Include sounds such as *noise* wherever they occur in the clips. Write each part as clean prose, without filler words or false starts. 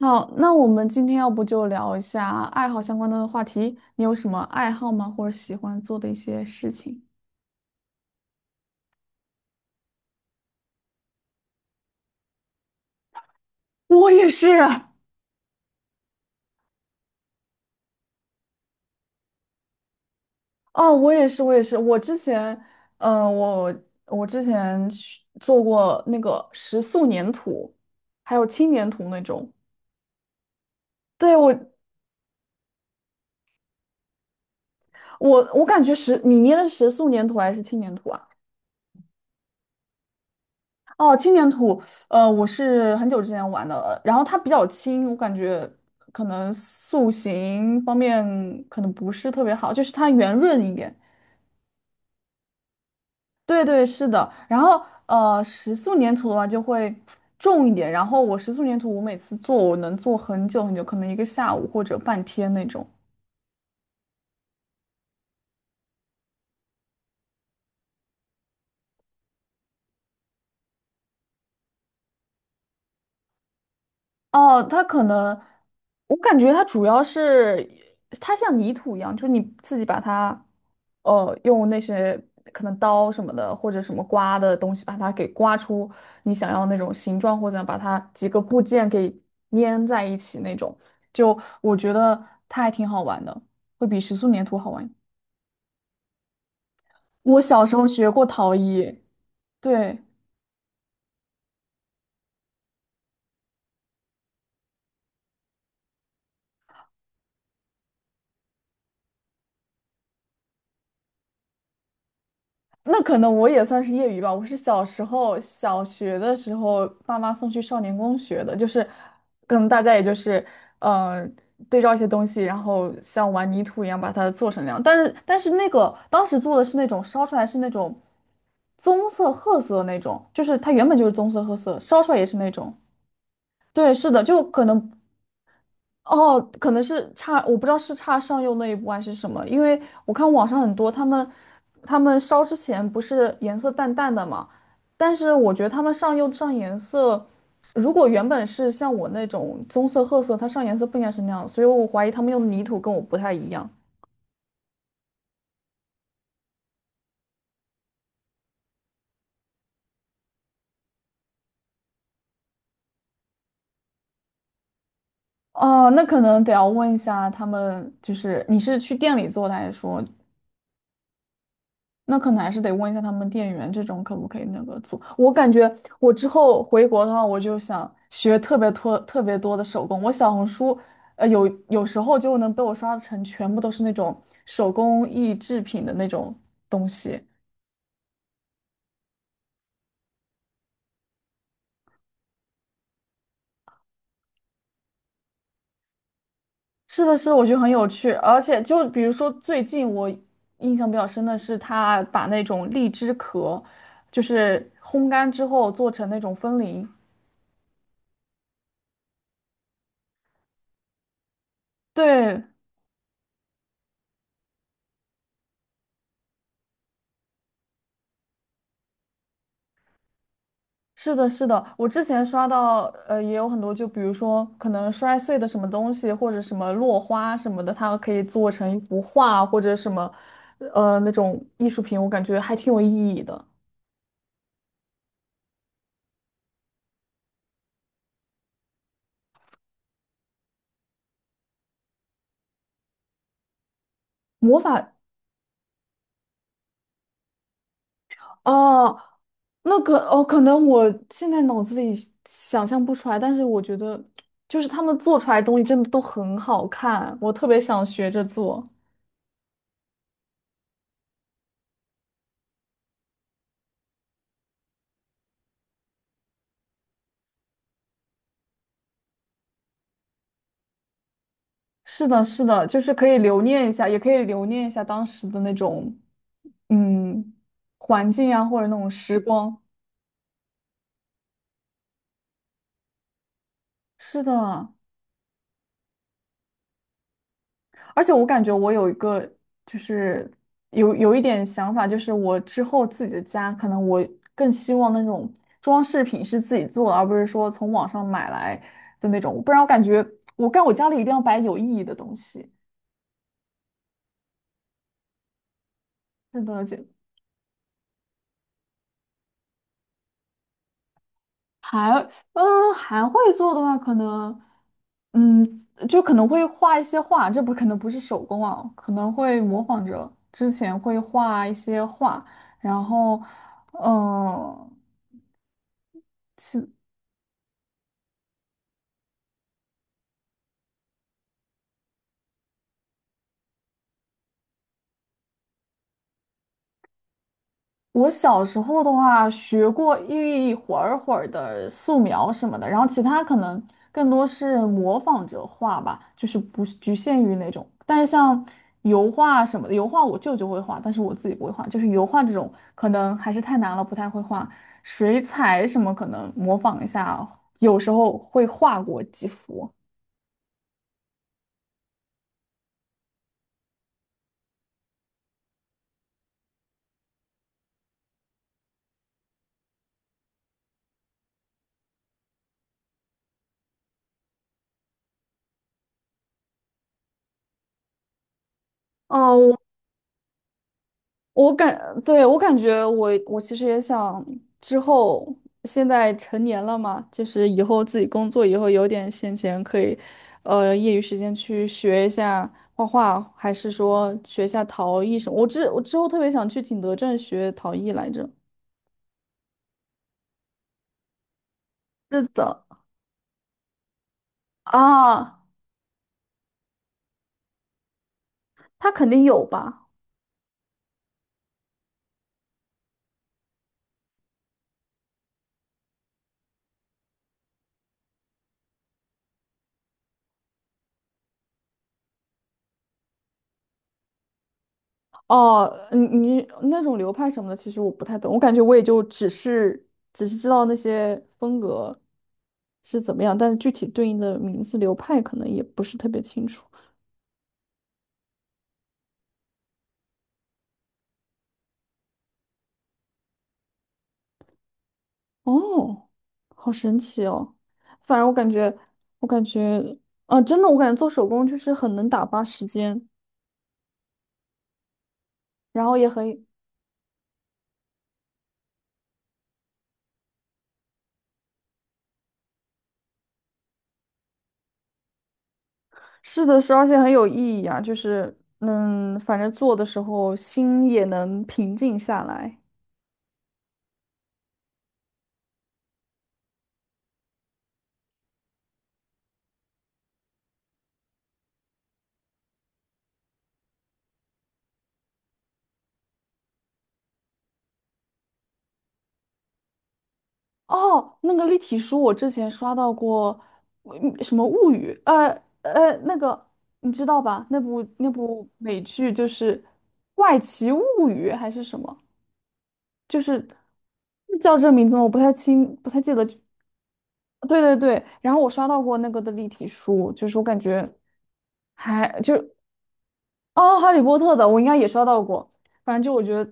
好，那我们今天要不就聊一下爱好相关的话题。你有什么爱好吗？或者喜欢做的一些事情？*laughs* 我也是啊。哦，我也是，我也是。我之前，呃，我我之前去做过那个食塑粘土，还有轻粘土那种。对，我，我感觉你捏的是食塑粘土还是轻粘土啊？哦，轻粘土。我是很久之前玩的，然后它比较轻，我感觉可能塑形方面可能不是特别好，就是它圆润一点。对对，是的。然后石塑粘土的话就会重一点，然后我石塑粘土我每次做我能做很久很久，可能一个下午或者半天那种。哦，它可能，我感觉它主要是它像泥土一样，就是你自己把它，用那些可能刀什么的或者什么刮的东西把它给刮出你想要那种形状，或者把它几个部件给粘在一起那种。就我觉得它还挺好玩的，会比时速粘土好玩。我小时候学过陶艺。对。那可能我也算是业余吧，我是小时候小学的时候，爸妈送去少年宫学的，就是可能大家也就是呃对照一些东西，然后像玩泥土一样把它做成那样。但是那个当时做的是那种烧出来是那种棕色褐色那种，就是它原本就是棕色褐色，烧出来也是那种。对，是的，就可能，哦，可能是差，我不知道是差上釉那一步还是什么，因为我看网上很多他们，他们烧之前不是颜色淡淡的嘛，但是我觉得他们上釉上颜色，如果原本是像我那种棕色、褐色，它上颜色不应该是那样，所以我怀疑他们用的泥土跟我不太一样。哦，那可能得要问一下他们，就是你是去店里做的，还是说那可能还是得问一下他们店员，这种可不可以那个做？我感觉我之后回国的话，我就想学特别多、特别多的手工。我小红书，有时候就能被我刷成全部都是那种手工艺制品的那种东西。是的，是的，我觉得很有趣。而且就比如说最近我印象比较深的是，他把那种荔枝壳，就是烘干之后做成那种风铃。对。是的，是的，我之前刷到，也有很多，就比如说可能摔碎的什么东西，或者什么落花什么的，它可以做成一幅画，或者什么，那种艺术品，我感觉还挺有意义的。魔法哦，那个哦，可能我现在脑子里想象不出来，但是我觉得就是他们做出来的东西真的都很好看，我特别想学着做。是的，是的，就是可以留念一下，也可以留念一下当时的那种，嗯，环境啊，或者那种时光。是的，而且我感觉我有一个，就是有一点想法，就是我之后自己的家，可能我更希望那种装饰品是自己做的，而不是说从网上买来的那种，不然我感觉我干我家里一定要摆有意义的东西。是的，就还，嗯，还会做的话，可能。嗯，就可能会画一些画，这不可能不是手工啊，可能会模仿着之前会画一些画，然后，嗯、其我小时候的话，学过一会儿会儿的素描什么的，然后其他可能更多是模仿着画吧，就是不是局限于那种。但是像油画什么的，油画我舅舅会画，但是我自己不会画。就是油画这种，可能还是太难了，不太会画。水彩什么可能模仿一下，有时候会画过几幅。哦，我感，对，我感觉我其实也想之后，现在成年了嘛，就是以后自己工作以后有点闲钱，可以，业余时间去学一下画画，还是说学一下陶艺什么？我之后特别想去景德镇学陶艺来着。是的。啊，他肯定有吧。哦，你那种流派什么的，其实我不太懂，我感觉我也就只是只是知道那些风格是怎么样，但是具体对应的名字流派可能也不是特别清楚。哦，好神奇哦！反正我感觉，我感觉，啊，真的，我感觉做手工就是很能打发时间，然后也很。是的是，而且很有意义啊，就是，嗯，反正做的时候心也能平静下来。哦，那个立体书我之前刷到过，嗯什么物语，那个你知道吧？那部美剧就是《怪奇物语》还是什么？就是叫这名字吗？我不太清，不太记得。对对对，然后我刷到过那个的立体书，就是我感觉还就，哦，《哈利波特》的我应该也刷到过，反正就我觉得，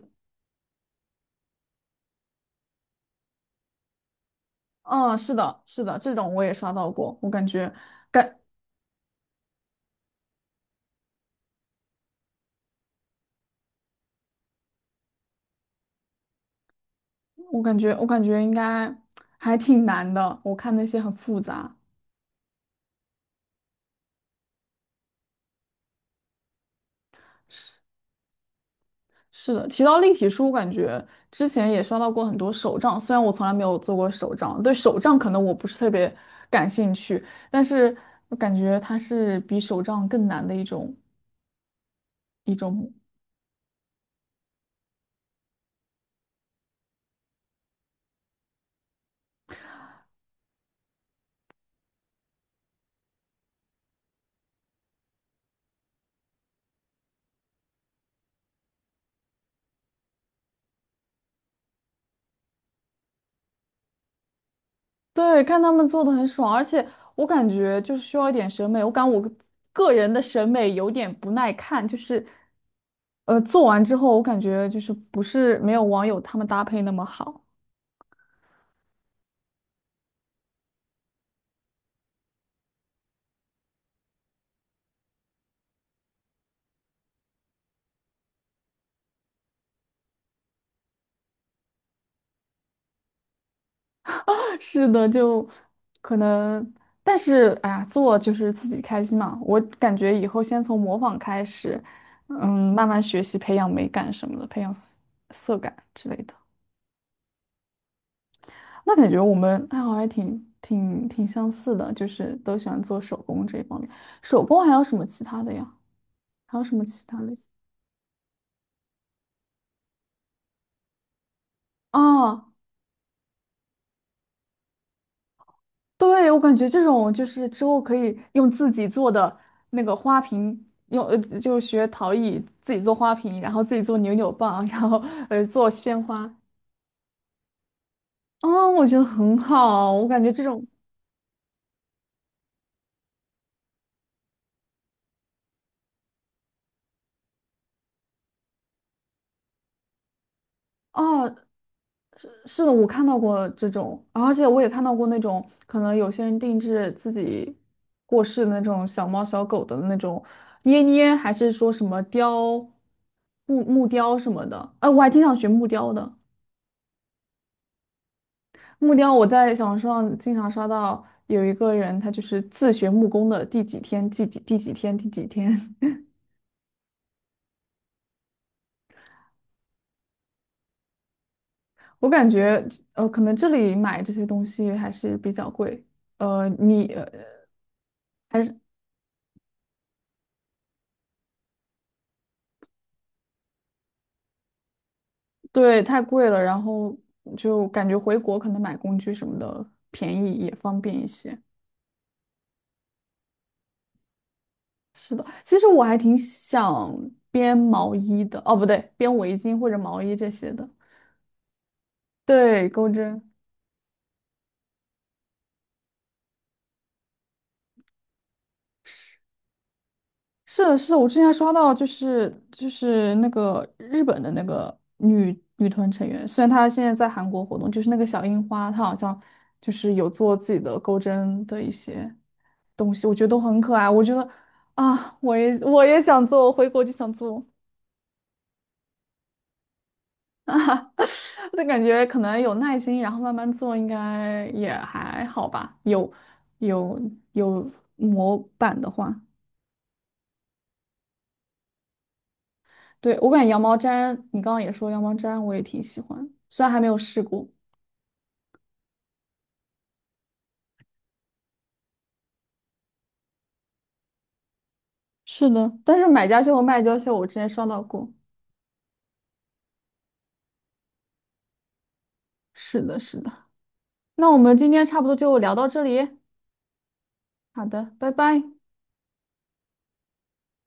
嗯，是的，是的，这种我也刷到过，我感觉。感。我感觉，我感觉应该还挺难的。我看那些很复杂。是是的，提到立体书，我感觉之前也刷到过很多手账，虽然我从来没有做过手账，对手账可能我不是特别感兴趣，但是我感觉它是比手账更难的一种一种。对，看他们做的很爽，而且我感觉就是需要一点审美，我个个人的审美有点不耐看，就是做完之后我感觉就是不是没有网友他们搭配那么好。*laughs* 是的，就可能，但是哎呀，做就是自己开心嘛。我感觉以后先从模仿开始，嗯，慢慢学习培养美感什么的，培养色感之类的。那感觉我们爱好还挺相似的，就是都喜欢做手工这一方面。手工还有什么其他的呀？还有什么其他类型？啊？对，我感觉这种就是之后可以用自己做的那个花瓶，用就学陶艺自己做花瓶，然后自己做扭扭棒，*laughs* 然后做鲜花。哦，我觉得很好，我感觉这种哦，是是的，我看到过这种，而且我也看到过那种可能有些人定制自己过世那种小猫小狗的那种捏捏，还是说什么木雕什么的。哎、我还挺想学木雕的。木雕，我在小红书上经常刷到有一个人，他就是自学木工的第几天、第几天、第几天。*laughs* 我感觉，可能这里买这些东西还是比较贵。呃，你，呃对，太贵了，然后就感觉回国可能买工具什么的便宜也方便一些。是的，其实我还挺想编毛衣的，哦，不对，编围巾或者毛衣这些的。对，钩针。是的，是的，我之前还刷到，就是那个日本的那个女团成员，虽然她现在在韩国活动，就是那个小樱花，她好像就是有做自己的钩针的一些东西，我觉得都很可爱。我觉得，啊，我也想做，我回国就想做。 *laughs* 啊，那感觉可能有耐心，然后慢慢做，应该也还好吧。有有模板的话。对，我感觉羊毛毡，你刚刚也说羊毛毡，我也挺喜欢，虽然还没有试过。是的，但是买家秀和卖家秀我之前刷到过。是的，是的。那我们今天差不多就聊到这里。好的，拜拜。